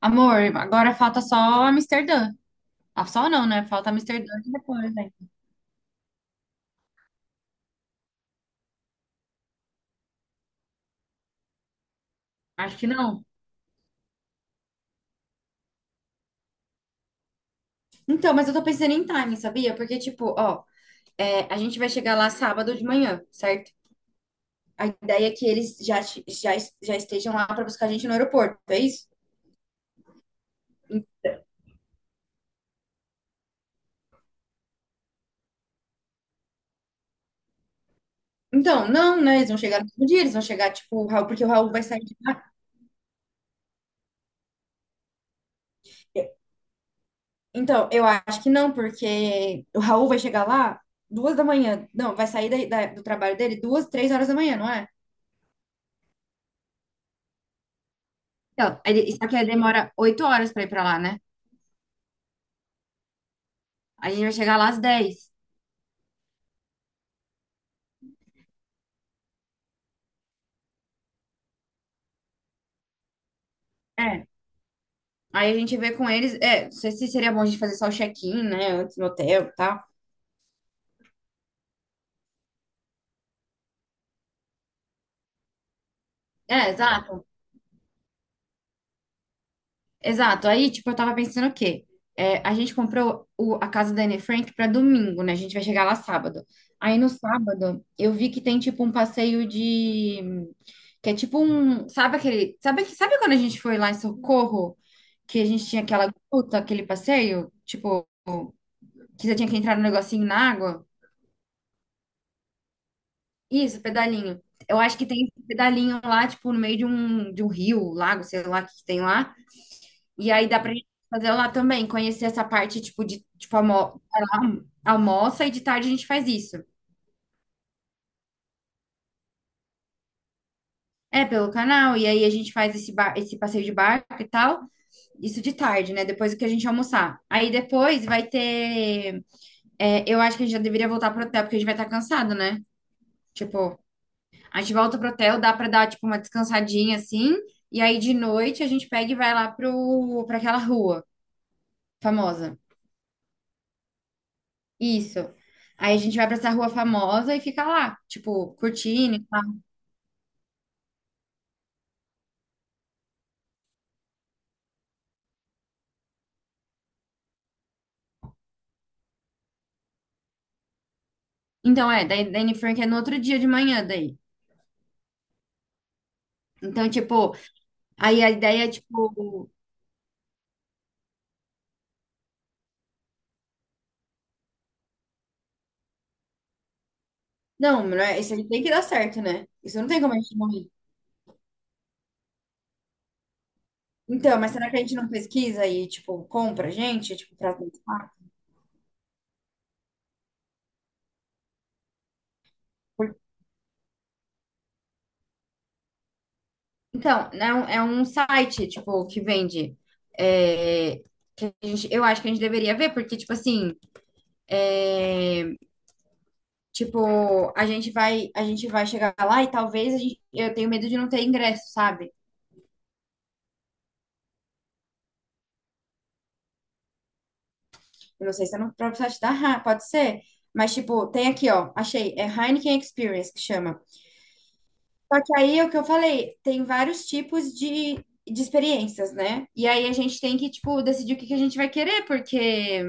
Amor, agora falta só Amsterdã. Ah, só não, né? Falta Amsterdã e depois, né? Acho que não. Então, mas eu tô pensando em time, sabia? Porque, tipo, ó, é, a gente vai chegar lá sábado de manhã, certo? A ideia é que eles já, estejam lá pra buscar a gente no aeroporto, é isso? Então, não, né? Eles vão chegar no mesmo dia, eles vão chegar, tipo, o Raul, porque o Raul vai sair de lá. Então, eu acho que não, porque o Raul vai chegar lá 2 da manhã. Não, vai sair do trabalho dele 2, 3 horas da manhã, não é? Então, só que aí demora 8 horas pra ir pra lá, né? Aí a gente vai chegar lá às 10. É. Aí a gente vê com eles. É, não sei se seria bom a gente fazer só o check-in, né? Antes no hotel e tal. É, exato. Exato. Aí, tipo, eu tava pensando o quê? É, a gente comprou a casa da Anne Frank pra domingo, né? A gente vai chegar lá sábado. Aí no sábado, eu vi que tem tipo um passeio de. Que é tipo um. Sabe aquele. Sabe, sabe quando a gente foi lá em Socorro? Que a gente tinha aquela gruta, aquele passeio? Tipo. Que você tinha que entrar no negocinho na água. Isso, pedalinho. Eu acho que tem esse pedalinho lá, tipo, no meio de um rio, lago, sei lá o que que tem lá. E aí dá pra gente fazer lá também, conhecer essa parte, tipo, de, tipo, almo sei lá, almoça e de tarde a gente faz isso. É, pelo canal, e aí a gente faz esse, bar esse passeio de barco e tal. Isso de tarde, né? Depois que a gente almoçar. Aí depois vai ter. É, eu acho que a gente já deveria voltar pro hotel, porque a gente vai estar cansado, né? Tipo. A gente volta pro hotel, dá pra dar, tipo, uma descansadinha assim. E aí de noite a gente pega e vai lá pra aquela rua famosa. Isso. Aí a gente vai pra essa rua famosa e fica lá, tipo, curtindo e tal. Então é, daí da Anne Frank é no outro dia de manhã daí. Então, tipo, aí a ideia é, tipo, não, não isso aí tem que dar certo, né? Isso não tem como a gente morrer. Então, mas será que a gente não pesquisa e, tipo, compra, gente, tipo, pra testar? Então, é um site, tipo, que vende. É, que eu acho que a gente deveria ver, porque, tipo assim, é, tipo, a gente vai chegar lá e talvez a gente, eu tenho medo de não ter ingresso, sabe? Eu não sei se é no próprio site pode ser. Mas, tipo, tem aqui, ó, achei, é Heineken Experience que chama. Só que aí é o que eu falei, tem vários tipos de experiências, né? E aí a gente tem que, tipo, decidir o que que a gente vai querer, porque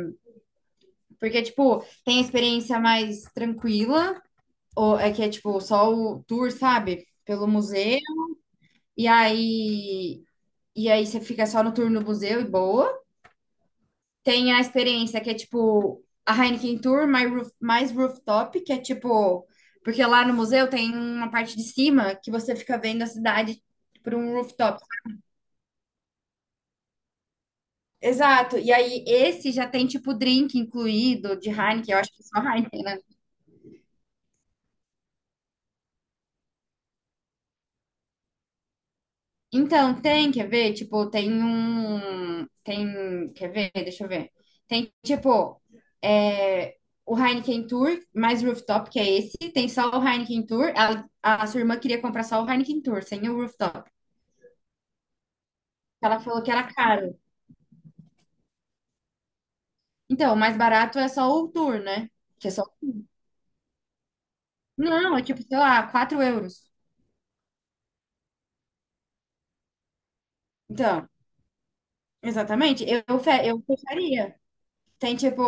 porque, tipo, tem a experiência mais tranquila, ou é que é, tipo, só o tour, sabe? Pelo museu. E aí, você fica só no tour no museu e boa. Tem a experiência que é, tipo, a Heineken Tour mais, mais rooftop, que é, tipo. Porque lá no museu tem uma parte de cima que você fica vendo a cidade por um rooftop. Exato. E aí, esse já tem, tipo, drink incluído de Heineken. Eu acho que é só Heineken, né? Então, tem, quer ver? Tipo, tem um. Tem. Quer ver? Deixa eu ver. Tem, tipo, é, o Heineken Tour, mais rooftop, que é esse. Tem só o Heineken Tour. Sua irmã queria comprar só o Heineken Tour, sem o rooftop. Ela falou que era caro. Então, o mais barato é só o Tour, né? Que é só. Não, é tipo, sei lá, €4. Então, exatamente. Eu fecharia. Tem tipo,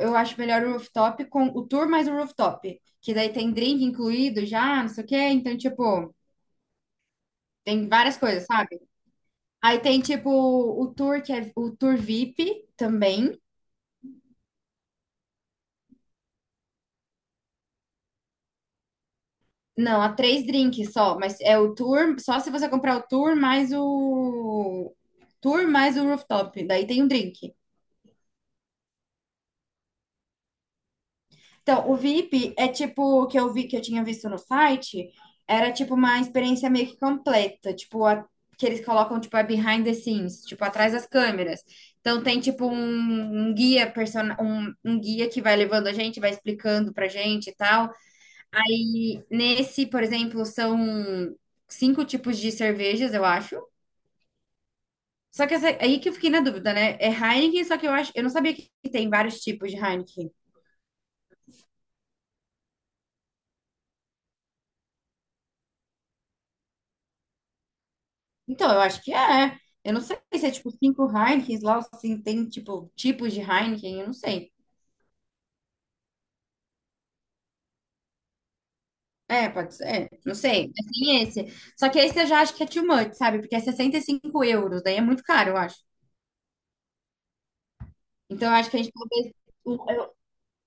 eu acho melhor o rooftop com o tour mais o rooftop. Que daí tem drink incluído já, não sei o quê. Então, tipo, tem várias coisas, sabe? Aí tem tipo o tour que é o tour VIP também. Não, há 3 drinks só, mas é o tour, só se você comprar o tour mais o tour mais o rooftop. Daí tem um drink. Então, o VIP é tipo o que eu vi que eu tinha visto no site, era tipo uma experiência meio que completa, tipo que eles colocam tipo a behind the scenes, tipo atrás das câmeras. Então tem tipo um guia que vai levando a gente, vai explicando pra gente e tal. Aí nesse, por exemplo, são 5 tipos de cervejas, eu acho. Só que é aí que eu fiquei na dúvida, né? É Heineken, só que eu acho, eu não sabia que tem vários tipos de Heineken. Então, eu acho que é. É. Eu não sei se é tipo 5 Heinekens lá, ou se tem tipo tipos de Heineken, eu não sei. É, pode ser, não sei. Mas tem esse. Só que esse eu já acho que é too much, sabe? Porque é €65, daí é muito caro, eu acho. Então eu acho que a gente talvez. o- eu-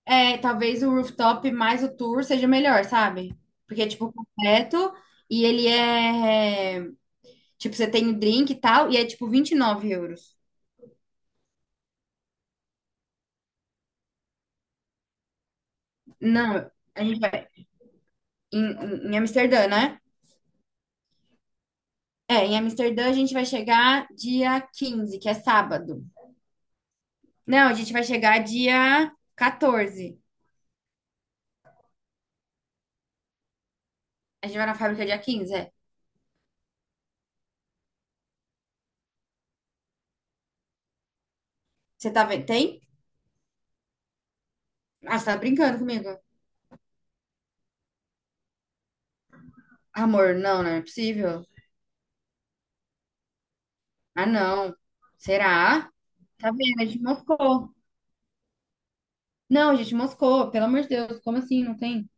É, talvez o rooftop mais o tour seja melhor, sabe? Porque é tipo completo e ele é. Tipo, você tem o drink e tal, e é tipo €29. Não, a gente vai em, em Amsterdã, né? É, em Amsterdã a gente vai chegar dia 15, que é sábado. Não, a gente vai chegar dia 14. A gente vai na fábrica dia 15. É. Você tá vendo? Tem? Ah, você tá brincando comigo. Amor, não, não é possível. Ah, não. Será? Tá vendo? A gente moscou. Não, a gente moscou. Pelo amor de Deus, como assim? Não tem?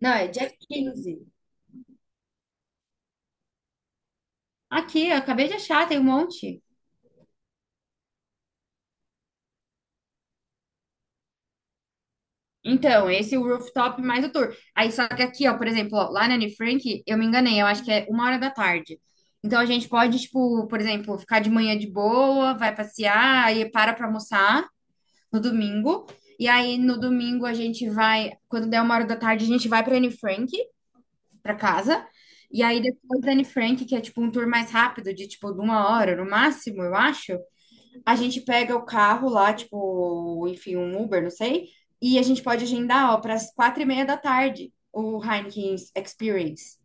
Não, é dia 15. Aqui, eu acabei de achar, tem um monte. Então, esse é o rooftop mais o tour. Aí, só que aqui, ó, por exemplo, ó, lá na Anne Frank, eu me enganei, eu acho que é 1 hora da tarde. Então, a gente pode, tipo, por exemplo, ficar de manhã de boa, vai passear, aí para pra almoçar no domingo. E aí, no domingo, a gente vai, quando der 1 hora da tarde, a gente vai pra Anne Frank, pra casa. E aí, depois da Anne Frank, que é, tipo, um tour mais rápido, de, tipo, de 1 hora no máximo, eu acho. A gente pega o carro lá, tipo, enfim, um Uber, não sei, e a gente pode agendar, ó, para as 4h30 da tarde o Heineken Experience.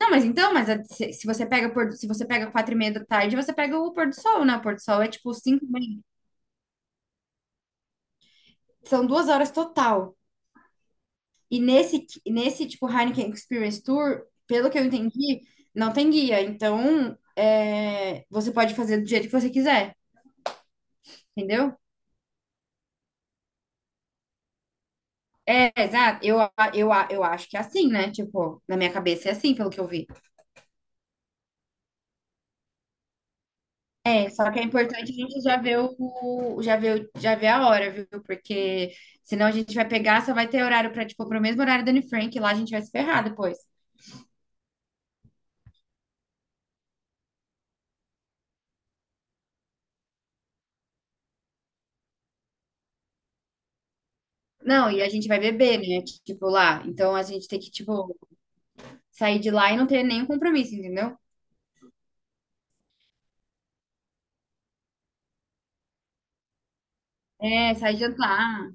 Não, mas então, mas a- se se você pega pôr- do- se você pega 4h30 da tarde, você pega o pôr do sol, né? O pôr do sol é tipo 5h30. São 2 horas total. E nesse tipo Heineken Experience Tour, pelo que eu entendi, não tem guia. Então, é, você pode fazer do jeito que você quiser, entendeu? É, exato. Eu acho que é assim, né? Tipo, na minha cabeça é assim, pelo que eu vi. É, só que é importante a gente já ver já ver a hora, viu? Porque senão a gente vai pegar, só vai ter horário pra, tipo, pro mesmo horário da Anne Frank, lá a gente vai se ferrar depois. Não, e a gente vai beber, né? Tipo, lá. Então a gente tem que, tipo, sair de lá e não ter nenhum compromisso, entendeu? É, sair jantar.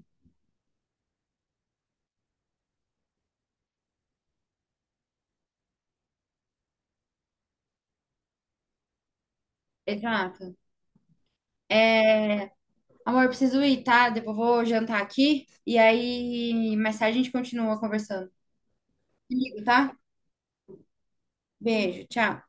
Exato. É, amor, eu preciso ir, tá? Depois eu vou jantar aqui e aí mais tarde a gente continua conversando. Comigo, tá? Beijo, tchau.